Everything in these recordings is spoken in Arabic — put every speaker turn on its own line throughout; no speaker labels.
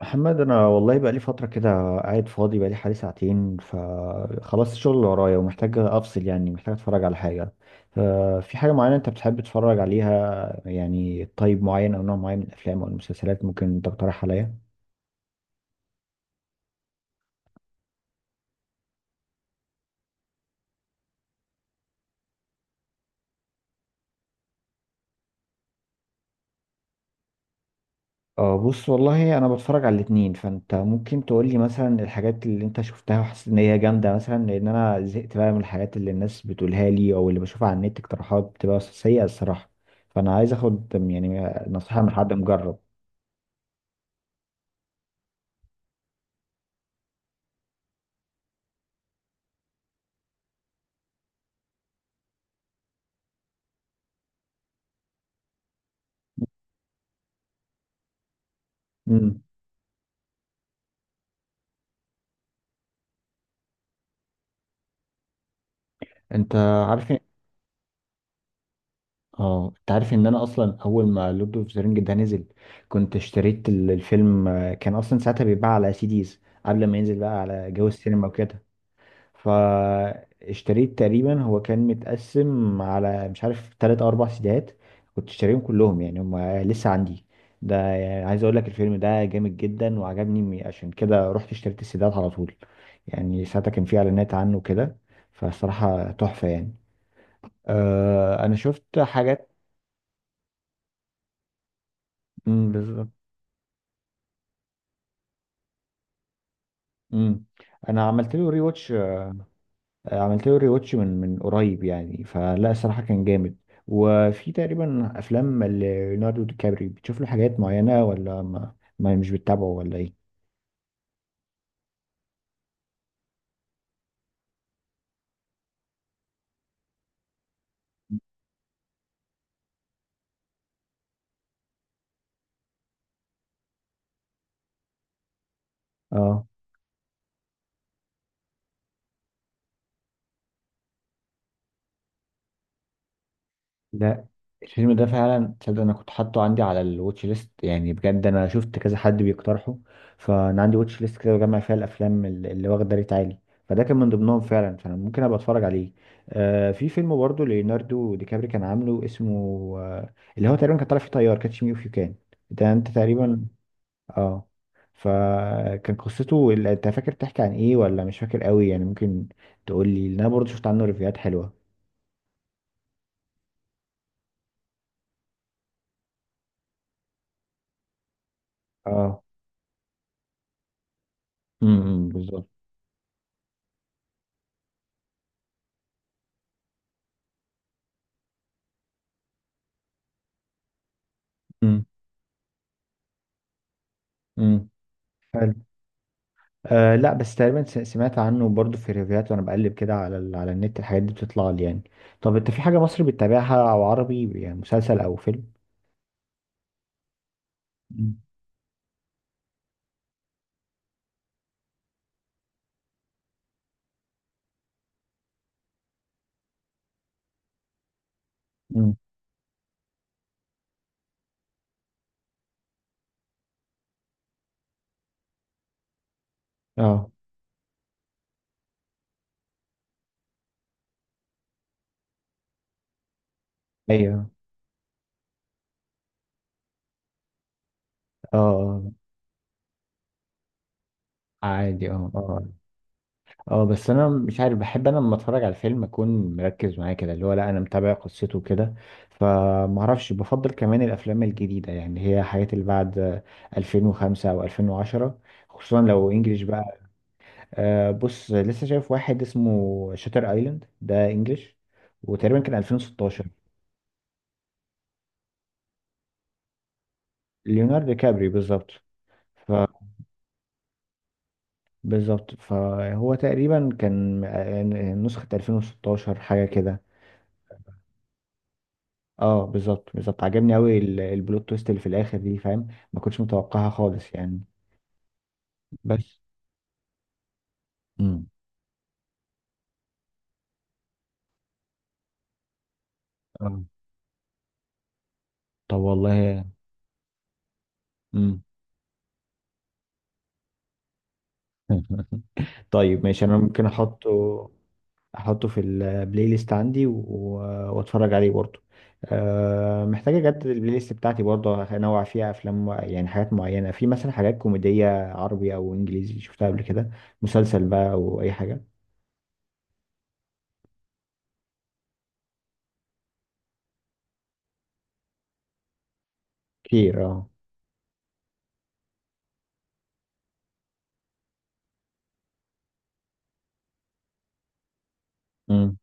محمد، انا والله بقى لي فتره كده. قاعد فاضي بقى لي حوالي ساعتين، فخلاص الشغل اللي ورايا ومحتاج افصل، يعني محتاج اتفرج على حاجه. ففي حاجه معينه انت بتحب تتفرج عليها؟ يعني طيب معين او نوع معين من الافلام او المسلسلات ممكن تقترح عليا؟ اه، بص والله انا بتفرج على الاتنين، فانت ممكن تقول لي مثلا الحاجات اللي انت شفتها وحسيت ان هي جامده مثلا، لان انا زهقت بقى من الحاجات اللي الناس بتقولها لي او اللي بشوفها على النت، اقتراحات بتبقى سيئه الصراحه. فانا عايز اخد يعني نصيحه من حد مجرب. انت عارف؟ اه، انت عارف ان انا اصلا اول ما لورد اوف ذا رينج ده نزل، كنت اشتريت الفيلم. كان اصلا ساعتها بيتباع على سيديز قبل ما ينزل بقى على جو السينما وكده. فاشتريت تقريبا، هو كان متقسم على مش عارف تلات او اربع سيديهات. كنت اشتريهم كلهم يعني، هم لسه عندي. ده يعني عايز اقول لك الفيلم ده جامد جدا وعجبني، عشان كده رحت اشتريت السيديهات على طول. يعني ساعتها كان في اعلانات عنه كده، فصراحة تحفة يعني. آه انا شفت حاجات. مم، بالظبط. مم. انا عملت له ري واتش، عملت له ري واتش من قريب يعني، فلا الصراحه كان جامد. وفي تقريبا افلام ليوناردو دي كابري بتشوف له حاجات معينه، ولا ما مش بتتابعه ولا ايه؟ اه، لا. الفيلم ده فعلا تصدق انا كنت حاطه عندي على الواتش ليست، يعني بجد انا شفت كذا حد بيقترحه. فانا عندي واتش ليست كده بجمع فيها الافلام اللي واخده ريت عالي، فده كان من ضمنهم فعلا، فانا ممكن ابقى اتفرج عليه. آه، في فيلم برضه ليوناردو دي كابري كان عامله اسمه، آه اللي هو تقريبا كان طالع فيه طيار، كاتش مي اوف يو كان. ده انت تقريبا. اه، فكان قصته انت فاكر تحكي عن ايه ولا مش فاكر قوي يعني؟ ممكن تقول لي، لأن انا برضه شفت عنه ريفيوهات حلوه. اه. امم، بالظبط. امم. حلو. آه لا، بس تقريبا سمعت عنه برضو في ريفيوهات، وانا بقلب كده على على النت الحاجات دي بتطلع لي يعني. طب انت في حاجه مصري بتتابعها او عربي، يعني مسلسل او فيلم؟ مم. امم. اه. ايوه. اه. آه، عادي. اه اه. اه بس انا مش عارف، بحب انا لما اتفرج على الفيلم اكون مركز معاه كده، اللي هو لا انا متابع قصته كده. فمعرفش، بفضل كمان الافلام الجديده، يعني هي حاجات اللي بعد 2005 او 2010، خصوصا لو انجليش بقى. آه بص، لسه شايف واحد اسمه شاتر ايلاند، ده انجلش وتقريبا كان 2016. ليوناردو كابري بالظبط. ف بالظبط، فهو تقريبا كان نسخة 2016 حاجة كده. اه بالظبط بالظبط، عجبني قوي. البلوت تويست اللي في الاخر دي فاهم، ما كنتش متوقعها خالص يعني. بس. امم. آه. طب والله. امم. طيب ماشي، انا ممكن احطه، احطه في البلاي ليست عندي واتفرج عليه برضه. أه محتاج اجدد البلاي ليست بتاعتي برضه، انوع فيها افلام يعني حاجات معينه، في مثلا حاجات كوميديه عربي او انجليزي شفتها قبل كده، مسلسل بقى او اي حاجه. كتير اه. امم.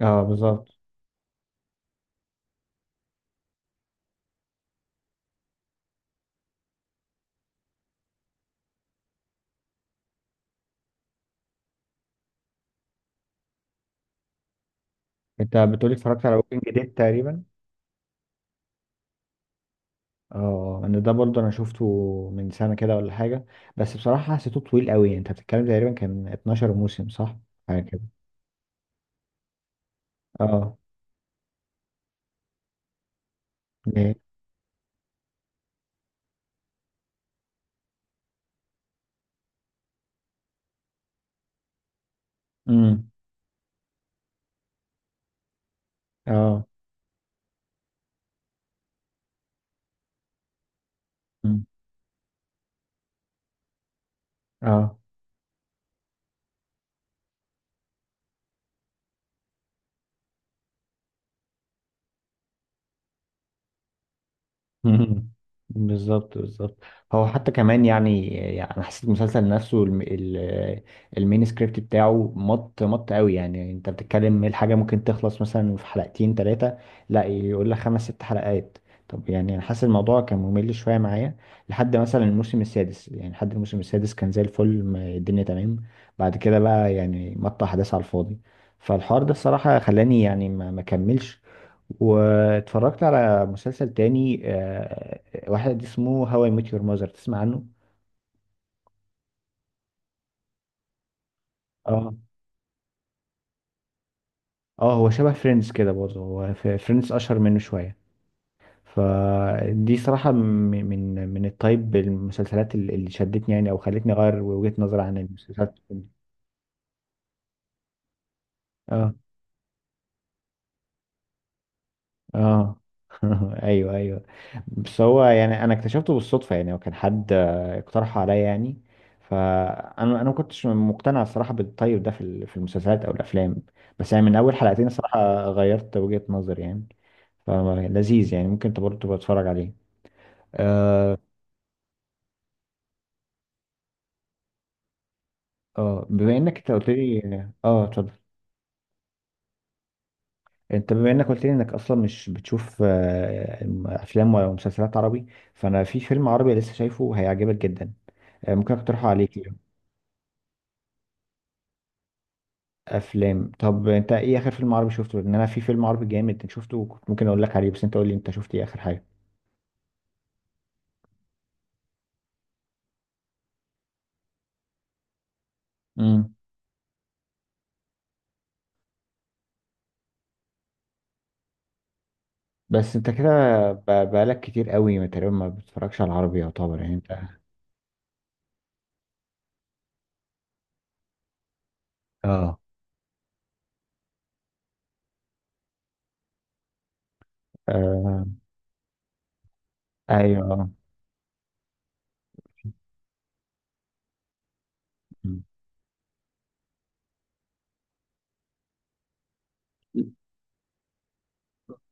اه بالظبط. انت بتقولي اتفرجت على ووكينج ديد تقريبا؟ اه، انا ده برضه انا شفته من سنه كده ولا حاجه، بس بصراحه حسيته طويل قوي. انت بتتكلم تقريبا كان 12 موسم صح؟ حاجه كده. اه. امم. اه. مم. اه. مم. بالظبط بالظبط. هو حتى كمان يعني، يعني انا حسيت المسلسل نفسه المين سكريبت بتاعه مط مط قوي، يعني انت بتتكلم إيه، الحاجه ممكن تخلص مثلا في حلقتين ثلاثه، لا يقول لك خمس ست حلقات. طب يعني انا حاسس الموضوع كان ممل شويه معايا لحد مثلا الموسم السادس، يعني لحد الموسم السادس كان زي الفل، الدنيا تمام. بعد كده بقى يعني مط احداث على الفاضي، فالحوار ده الصراحه خلاني يعني ما كملش. واتفرجت على مسلسل تاني، واحد اسمه هاو اي ميت يور ماذر، تسمع عنه؟ اه. اه، هو شبه فريندز كده برضه، هو فريندز اشهر منه شويه. فدي صراحه من التايب المسلسلات اللي شدتني يعني، او خلتني اغير وجهه نظري عن المسلسلات. اه. اه. ايوه ايوه. بس هو يعني انا اكتشفته بالصدفه يعني، وكان حد اقترح عليا يعني. فانا ما كنتش مقتنع الصراحه بالطيب ده في في المسلسلات او الافلام. بس يعني من اول حلقتين الصراحه غيرت وجهه نظري يعني، فلذيذ يعني، ممكن انت برضه تبقى تتفرج عليه. اه. اه، بما انك انت قلت لي. اه اتفضل. انت بما انك قلت لي انك اصلا مش بتشوف افلام ولا مسلسلات عربي، فانا في فيلم عربي لسه شايفه هيعجبك جدا، ممكن اقترحه عليك. افلام. طب انت ايه اخر فيلم عربي شفته؟ لان انا في فيلم عربي جامد شفته كنت ممكن اقول لك عليه، بس انت قول لي انت شفت ايه اخر حاجه. امم. بس انت كده، ب- بقالك كتير قوي ما تقريبا ما بتتفرجش على العربي يعتبر، يعني انت. اه. آه... ايوه. مم.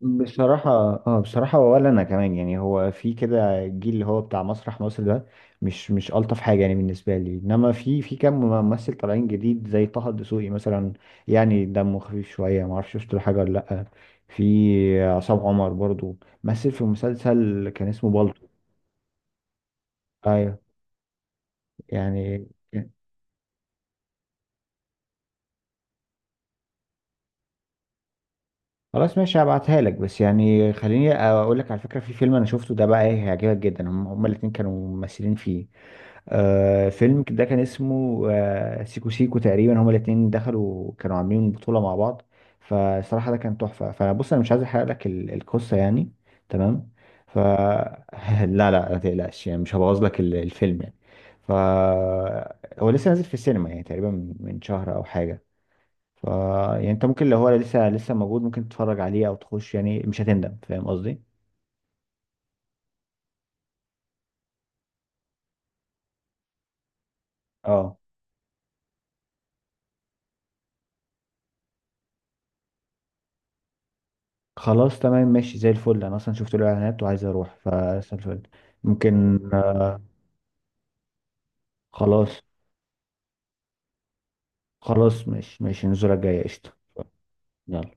بصراحة. اه بصراحة، ولا انا كمان يعني. هو في كده الجيل اللي هو بتاع مسرح مصر ده مش الطف حاجة يعني بالنسبة لي، انما في كام ممثل طالعين جديد زي طه الدسوقي مثلا، يعني دمه خفيف شوية. ما اعرفش شفت له حاجة ولا لأ. في عصام عمر برضو، مثل في مسلسل كان اسمه بالطو. ايوه. يعني خلاص ماشي، هبعتها لك. بس يعني خليني اقول لك على فكرة، في فيلم انا شفته ده بقى ايه، هيعجبك جدا، هم هما الاتنين كانوا ممثلين فيه. آه فيلم ده كان اسمه، آه سيكو سيكو تقريبا، هما الاتنين دخلوا كانوا عاملين بطولة مع بعض، فصراحة ده كان تحفة. فبص انا مش عايز احرق لك القصة يعني. تمام. ف لا لا ما تقلقش يعني، مش هبوظ لك الفيلم يعني. ف هو لسه نازل في السينما يعني تقريبا من شهر او حاجة. ف يعني انت ممكن، لو هو لسه لسه موجود، ممكن تتفرج عليه او تخش، يعني مش هتندم، فاهم قصدي؟ اه. خلاص تمام ماشي، زي الفل. انا اصلا شفت له اعلانات وعايز اروح، فزي الفل. ممكن، خلاص خلاص ماشي ماشي. النزولة الجاية، قشطة. يلا.